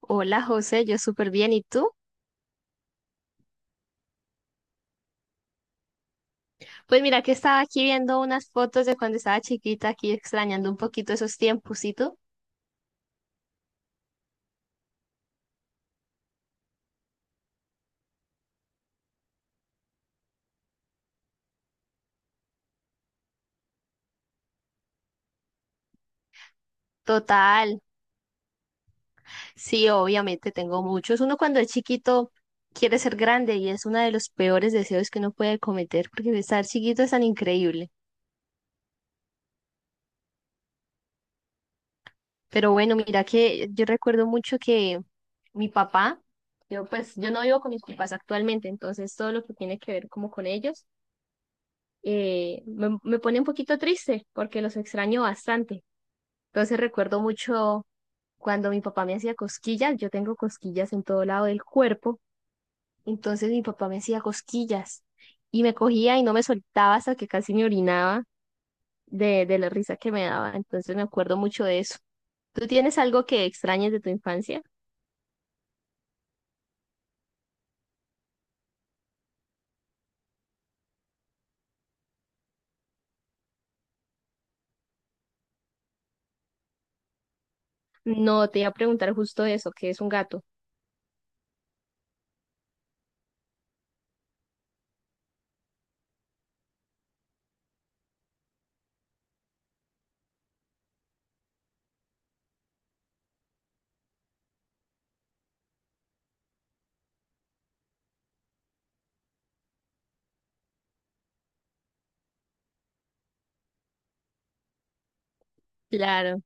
Hola José, yo súper bien. ¿Y tú? Pues mira que estaba aquí viendo unas fotos de cuando estaba chiquita, aquí extrañando un poquito esos tiempos. ¿Y tú? Total. Sí, obviamente tengo muchos. Uno cuando es chiquito quiere ser grande y es uno de los peores deseos que uno puede cometer porque estar chiquito es tan increíble. Pero bueno, mira que yo recuerdo mucho que mi papá, yo no vivo con mis papás actualmente, entonces todo lo que tiene que ver como con ellos me pone un poquito triste porque los extraño bastante. Entonces recuerdo mucho cuando mi papá me hacía cosquillas, yo tengo cosquillas en todo lado del cuerpo, entonces mi papá me hacía cosquillas y me cogía y no me soltaba hasta que casi me orinaba de la risa que me daba. Entonces me acuerdo mucho de eso. ¿Tú tienes algo que extrañes de tu infancia? No, te iba a preguntar justo eso, que es un gato? Claro,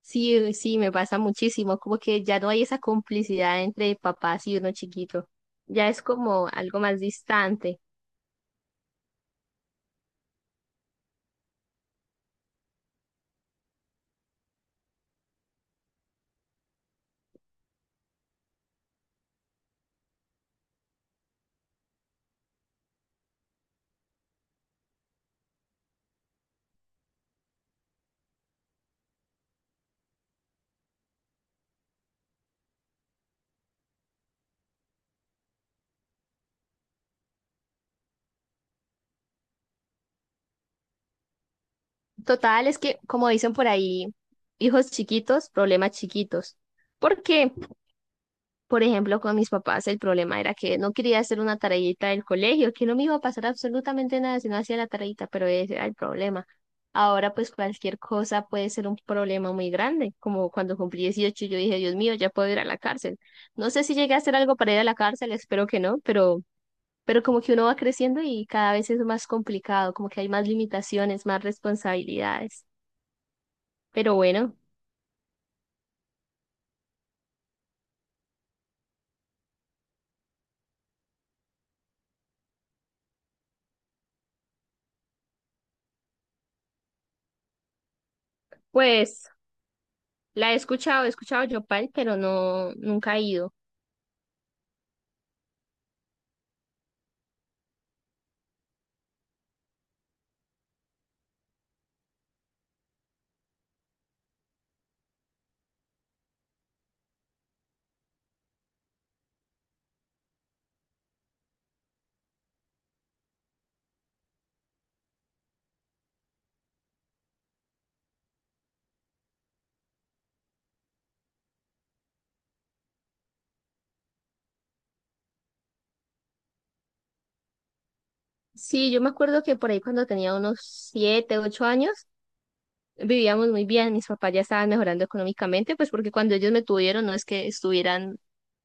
sí, sí, me pasa muchísimo, como que ya no hay esa complicidad entre papás y uno chiquito, ya es como algo más distante. Total, es que como dicen por ahí, hijos chiquitos, problemas chiquitos, porque por ejemplo, con mis papás el problema era que no quería hacer una tareita del colegio, que no me iba a pasar absolutamente nada si no hacía la tareita, pero ese era el problema. Ahora pues cualquier cosa puede ser un problema muy grande, como cuando cumplí 18 yo dije, Dios mío, ya puedo ir a la cárcel. No sé si llegué a hacer algo para ir a la cárcel, espero que no, pero como que uno va creciendo y cada vez es más complicado, como que hay más limitaciones, más responsabilidades. Pero bueno, pues la he escuchado Yopal, pero no, nunca he ido. Sí, yo me acuerdo que por ahí cuando tenía unos 7, 8 años, vivíamos muy bien, mis papás ya estaban mejorando económicamente, pues porque cuando ellos me tuvieron no es que estuvieran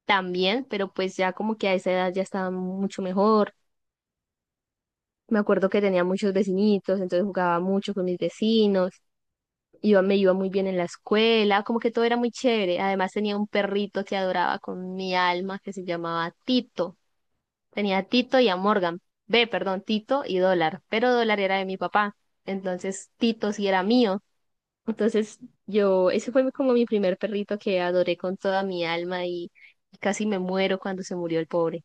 tan bien, pero pues ya como que a esa edad ya estaba mucho mejor. Me acuerdo que tenía muchos vecinitos, entonces jugaba mucho con mis vecinos, iba, me iba muy bien en la escuela, como que todo era muy chévere. Además tenía un perrito que adoraba con mi alma que se llamaba Tito. Tenía a Tito y a Morgan. Ve perdón, Tito y Dólar. Pero Dólar era de mi papá. Entonces Tito sí era mío. Entonces yo, ese fue como mi primer perrito que adoré con toda mi alma y casi me muero cuando se murió el pobre.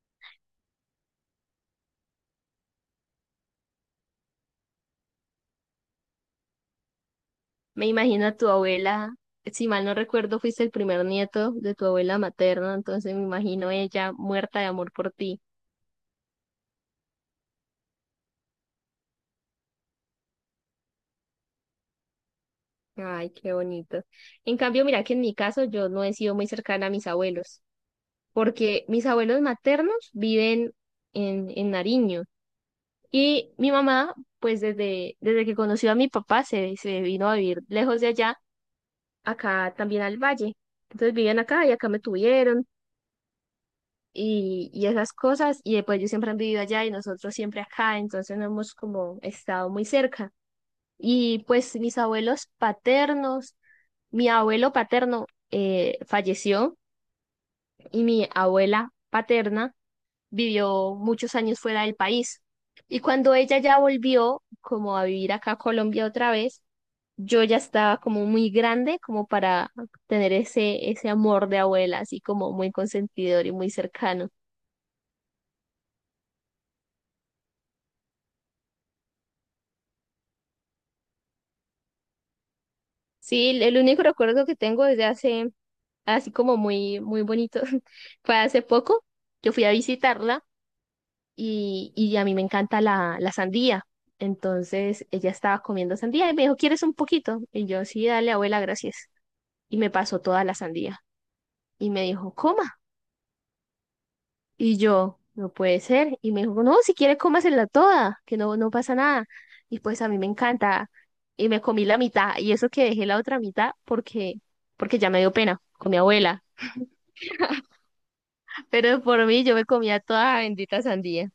Me imagino a tu abuela, si mal no recuerdo, fuiste el primer nieto de tu abuela materna, entonces me imagino ella muerta de amor por ti. Ay, qué bonito. En cambio, mira que en mi caso yo no he sido muy cercana a mis abuelos. Porque mis abuelos maternos viven en Nariño y mi mamá, desde que conoció a mi papá, se vino a vivir lejos de allá, acá también al valle. Entonces vivían acá y acá me tuvieron y esas cosas y después ellos siempre han vivido allá y nosotros siempre acá, entonces no hemos como estado muy cerca. Y pues mis abuelos paternos, mi abuelo paterno falleció y mi abuela paterna vivió muchos años fuera del país. Y cuando ella ya volvió, como a vivir acá a Colombia otra vez, yo ya estaba como muy grande como para tener ese, ese amor de abuela, así como muy consentidor y muy cercano. Sí, el único recuerdo que tengo desde hace, así como muy, muy bonito, fue hace poco. Yo fui a visitarla y a mí me encanta la sandía. Entonces ella estaba comiendo sandía y me dijo, ¿quieres un poquito? Y yo, sí, dale, abuela, gracias. Y me pasó toda la sandía. Y me dijo, coma. Y yo, no puede ser. Y me dijo, no, si quiere cómasela toda, que no, no pasa nada. Y pues a mí me encanta. Y me comí la mitad. Y eso que dejé la otra mitad porque, porque ya me dio pena con mi abuela. Pero por mí yo me comía toda la bendita sandía.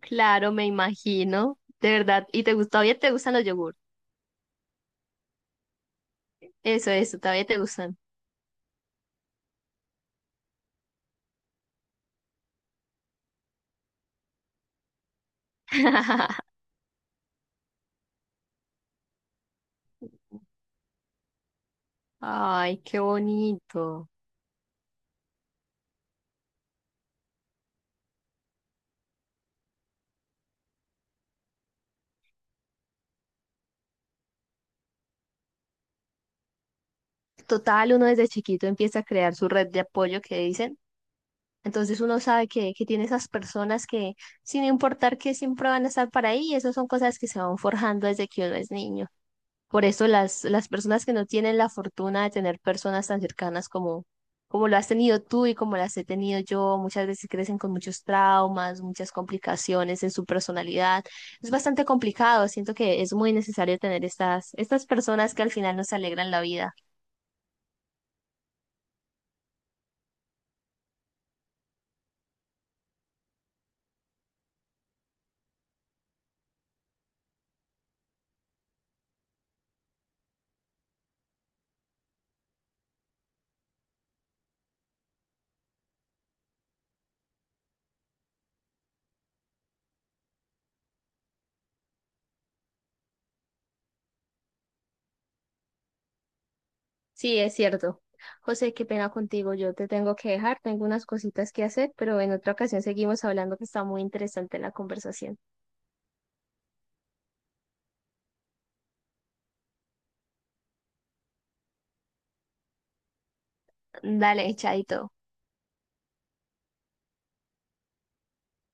Claro, me imagino. De verdad. ¿Y te gusta, todavía te gustan los yogurts? Eso, todavía te gustan. Ay, qué bonito. Total, uno desde chiquito empieza a crear su red de apoyo que dicen. Entonces uno sabe que tiene esas personas que, sin importar que siempre van a estar para ahí, y eso son cosas que se van forjando desde que uno es niño. Por eso las personas que no tienen la fortuna de tener personas tan cercanas como, como lo has tenido tú y como las he tenido yo, muchas veces crecen con muchos traumas, muchas complicaciones en su personalidad. Es bastante complicado, siento que es muy necesario tener estas, estas personas que al final nos alegran la vida. Sí, es cierto. José, qué pena contigo. Yo te tengo que dejar. Tengo unas cositas que hacer, pero en otra ocasión seguimos hablando que está muy interesante la conversación. Dale, chaito.